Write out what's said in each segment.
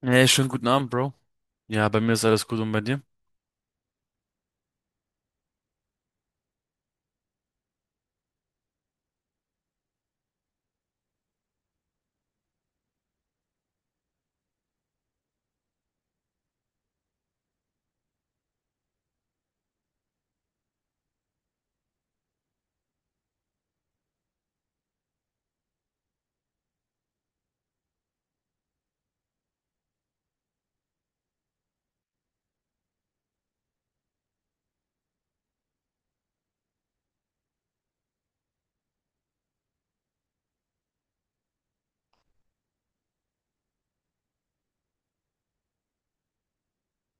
Hey, schönen guten Abend, Bro. Ja, bei mir ist alles gut und bei dir?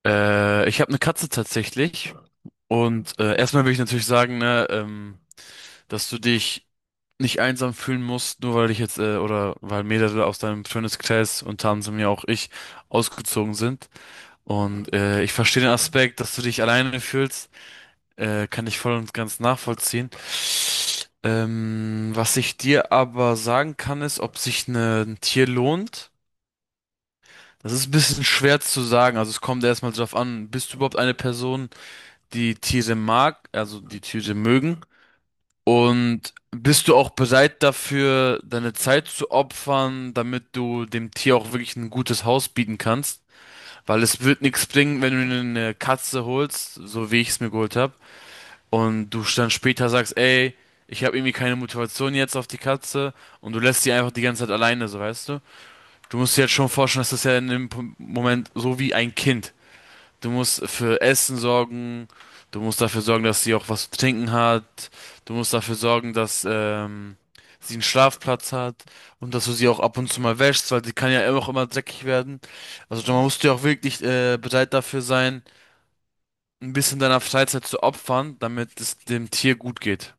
Ich habe eine Katze tatsächlich. Und erstmal will ich natürlich sagen, ne, dass du dich nicht einsam fühlen musst, nur weil ich jetzt, oder weil mehrere aus deinem Freundeskreis, unter anderem ja auch ich, ausgezogen sind. Und ich verstehe den Aspekt, dass du dich alleine fühlst, kann ich voll und ganz nachvollziehen. Was ich dir aber sagen kann, ist, ob sich ein Tier lohnt. Das ist ein bisschen schwer zu sagen. Also es kommt erstmal drauf an, bist du überhaupt eine Person, die Tiere mag, also die Tiere mögen? Und bist du auch bereit dafür, deine Zeit zu opfern, damit du dem Tier auch wirklich ein gutes Haus bieten kannst? Weil es wird nichts bringen, wenn du dir eine Katze holst, so wie ich es mir geholt habe, und du dann später sagst, ey, ich habe irgendwie keine Motivation jetzt auf die Katze und du lässt sie einfach die ganze Zeit alleine, so weißt du? Du musst dir jetzt schon vorstellen, dass das ja in dem Moment so wie ein Kind. Du musst für Essen sorgen, du musst dafür sorgen, dass sie auch was zu trinken hat, du musst dafür sorgen, dass sie einen Schlafplatz hat und dass du sie auch ab und zu mal wäschst, weil sie kann ja auch immer dreckig werden. Also man musst ja auch wirklich bereit dafür sein, ein bisschen deiner Freizeit zu opfern, damit es dem Tier gut geht.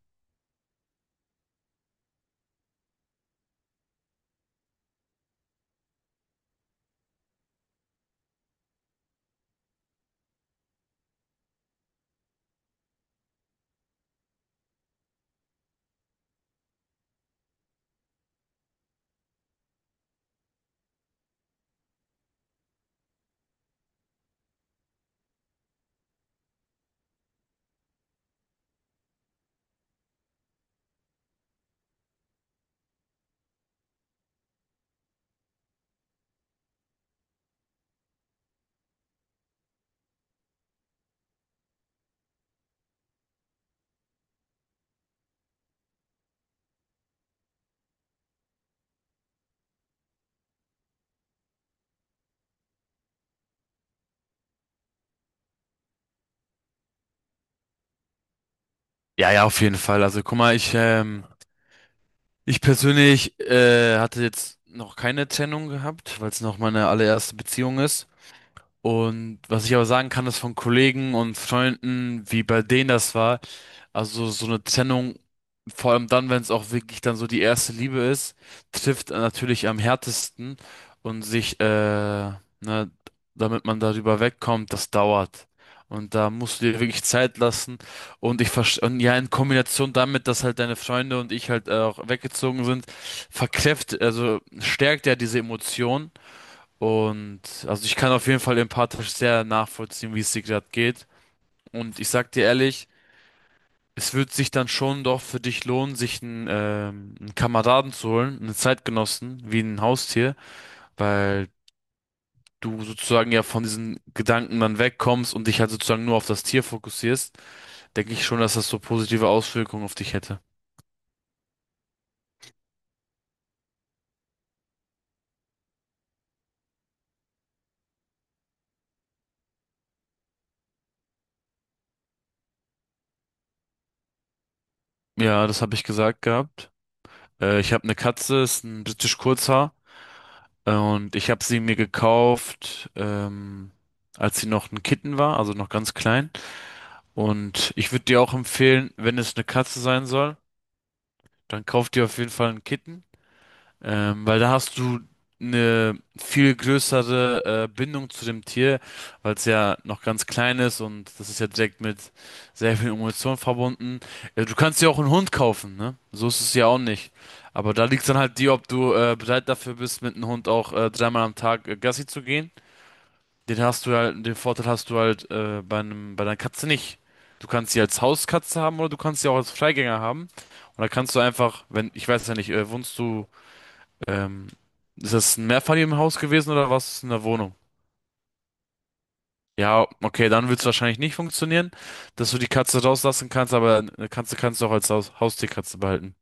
Ja, ja, auf jeden Fall. Also guck mal, ich, ich persönlich hatte jetzt noch keine Trennung gehabt, weil es noch meine allererste Beziehung ist. Und was ich aber sagen kann, ist von Kollegen und Freunden, wie bei denen das war, also so eine Trennung, vor allem dann, wenn es auch wirklich dann so die erste Liebe ist, trifft natürlich am härtesten und sich, ne, damit man darüber wegkommt, das dauert. Und da musst du dir wirklich Zeit lassen. Und ich verstehe, und ja, in Kombination damit, dass halt deine Freunde und ich halt auch weggezogen sind, also stärkt ja diese Emotion. Und also ich kann auf jeden Fall empathisch sehr nachvollziehen, wie es dir gerade geht. Und ich sag dir ehrlich, es wird sich dann schon doch für dich lohnen, sich einen, einen Kameraden zu holen, einen Zeitgenossen, wie ein Haustier, weil du sozusagen ja von diesen Gedanken dann wegkommst und dich halt sozusagen nur auf das Tier fokussierst, denke ich schon, dass das so positive Auswirkungen auf dich hätte. Ja, das habe ich gesagt gehabt. Ich habe eine Katze, ist ein britisch Kurzhaar. Und ich habe sie mir gekauft, als sie noch ein Kitten war, also noch ganz klein. Und ich würde dir auch empfehlen, wenn es eine Katze sein soll, dann kauf dir auf jeden Fall einen Kitten, weil da hast du eine viel größere Bindung zu dem Tier, weil es ja noch ganz klein ist und das ist ja direkt mit sehr viel Emotion verbunden. Du kannst dir auch einen Hund kaufen, ne? So ist es ja auch nicht. Aber da liegt dann halt die, ob du bereit dafür bist, mit einem Hund auch dreimal am Tag Gassi zu gehen. Den hast du halt, den Vorteil hast du halt bei einem, bei deiner Katze nicht. Du kannst sie als Hauskatze haben oder du kannst sie auch als Freigänger haben. Und da kannst du einfach, wenn, ich weiß ja nicht, wohnst du, ähm, ist das ein Mehrfamilienhaus gewesen oder warst du in einer Wohnung? Ja, okay, dann wird es wahrscheinlich nicht funktionieren, dass du die Katze rauslassen kannst, aber eine Katze kannst du auch als Haustierkatze behalten.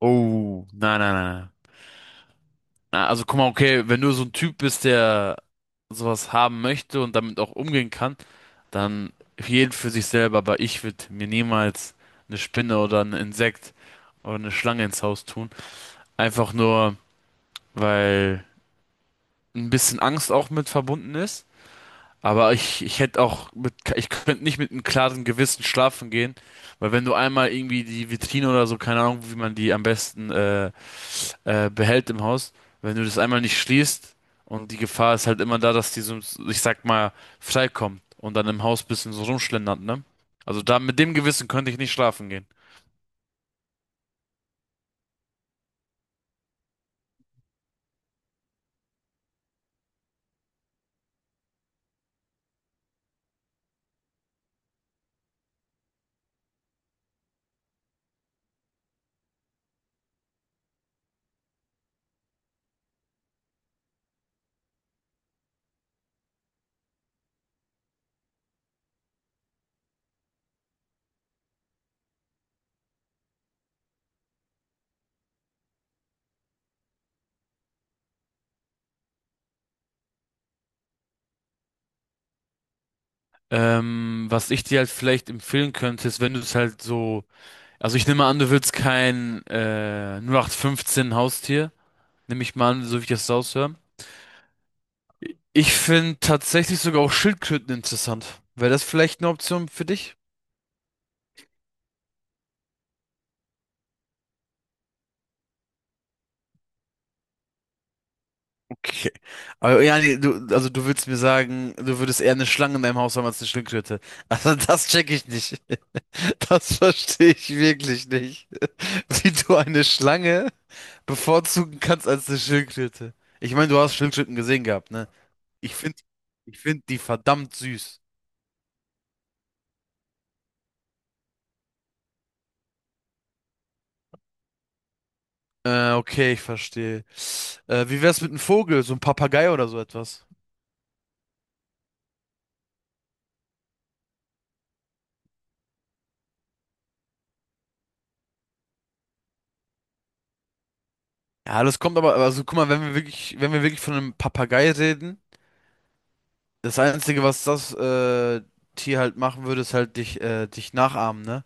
Oh, nein, nein, nein, nein. Na, also guck mal, okay, wenn du so ein Typ bist, der sowas haben möchte und damit auch umgehen kann, dann für jeden für sich selber. Aber ich würde mir niemals eine Spinne oder ein Insekt oder eine Schlange ins Haus tun. Einfach nur, weil ein bisschen Angst auch mit verbunden ist. Aber ich hätte auch mit, ich könnte nicht mit einem klaren Gewissen schlafen gehen, weil wenn du einmal irgendwie die Vitrine oder so, keine Ahnung, wie man die am besten behält im Haus, wenn du das einmal nicht schließt und die Gefahr ist halt immer da, dass die so, ich sag mal, freikommt und dann im Haus bisschen so rumschlendert, ne? Also da mit dem Gewissen könnte ich nicht schlafen gehen. Was ich dir halt vielleicht empfehlen könnte, ist, wenn du es halt so, also ich nehme an, du willst kein 08/15 Haustier, nehme ich mal an, so wie ich das raushöre. Ich finde tatsächlich sogar auch Schildkröten interessant. Wäre das vielleicht eine Option für dich? Okay. Aber ja, nee, du, also du willst mir sagen, du würdest eher eine Schlange in deinem Haus haben als eine Schildkröte. Also das check ich nicht. Das verstehe ich wirklich nicht. Wie du eine Schlange bevorzugen kannst als eine Schildkröte. Ich meine, du hast Schildkröten gesehen gehabt, ne? Ich finde, ich finde die verdammt süß. Okay, ich verstehe. Wie wär's mit einem Vogel, so ein Papagei oder so etwas? Ja, das kommt aber, also guck mal, wenn wir wirklich von einem Papagei reden. Das Einzige, was das Tier halt machen würde, ist halt dich nachahmen, ne?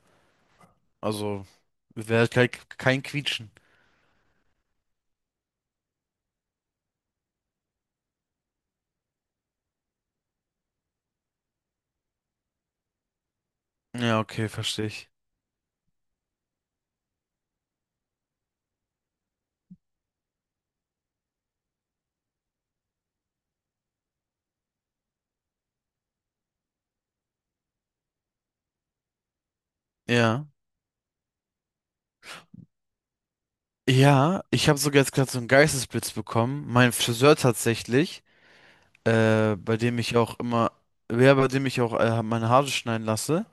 Also wäre halt kein Quietschen. Ja, okay, verstehe ich. Ja. Ja, ich habe sogar jetzt gerade so einen Geistesblitz bekommen. Mein Friseur tatsächlich, bei dem ich auch immer, ja, bei dem ich auch meine Haare schneiden lasse,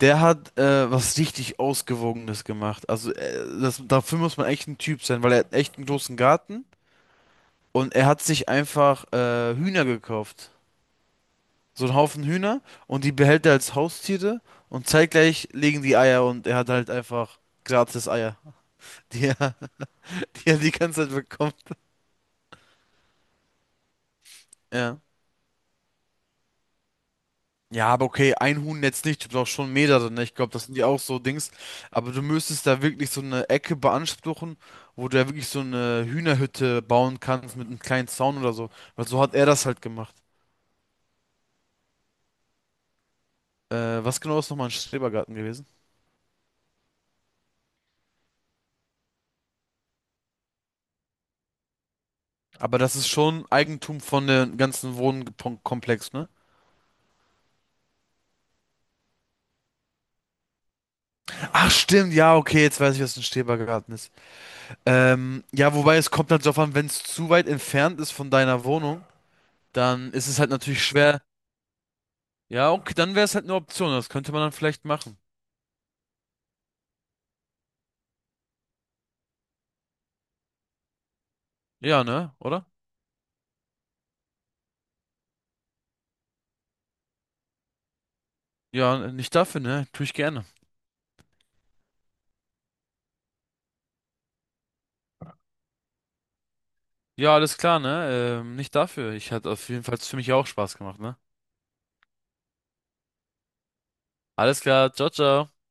der hat was richtig Ausgewogenes gemacht. Also dafür muss man echt ein Typ sein, weil er hat echt einen großen Garten und er hat sich einfach Hühner gekauft. So einen Haufen Hühner und die behält er als Haustiere und zeitgleich legen die Eier und er hat halt einfach gratis Eier, die er die er die ganze Zeit bekommt. Ja. Ja, aber okay, ein Huhn jetzt nicht, du brauchst schon mehrere, ne? Ich glaube, das sind die auch so Dings. Aber du müsstest da wirklich so eine Ecke beanspruchen, wo du ja wirklich so eine Hühnerhütte bauen kannst mit einem kleinen Zaun oder so. Weil so hat er das halt gemacht. Was genau ist nochmal ein Schrebergarten gewesen? Aber das ist schon Eigentum von dem ganzen Wohnkomplex, ne? Ach stimmt, ja, okay, jetzt weiß ich, was ein Schrebergarten ist. Ja, wobei es kommt halt darauf an, wenn es zu weit entfernt ist von deiner Wohnung, dann ist es halt natürlich schwer. Ja, okay, dann wäre es halt eine Option, das könnte man dann vielleicht machen. Ja, ne, oder? Ja, nicht dafür, ne? Tue ich gerne. Ja, alles klar, ne? Nicht dafür. Ich hatte auf jeden Fall für mich auch Spaß gemacht, ne? Alles klar, ciao, ciao.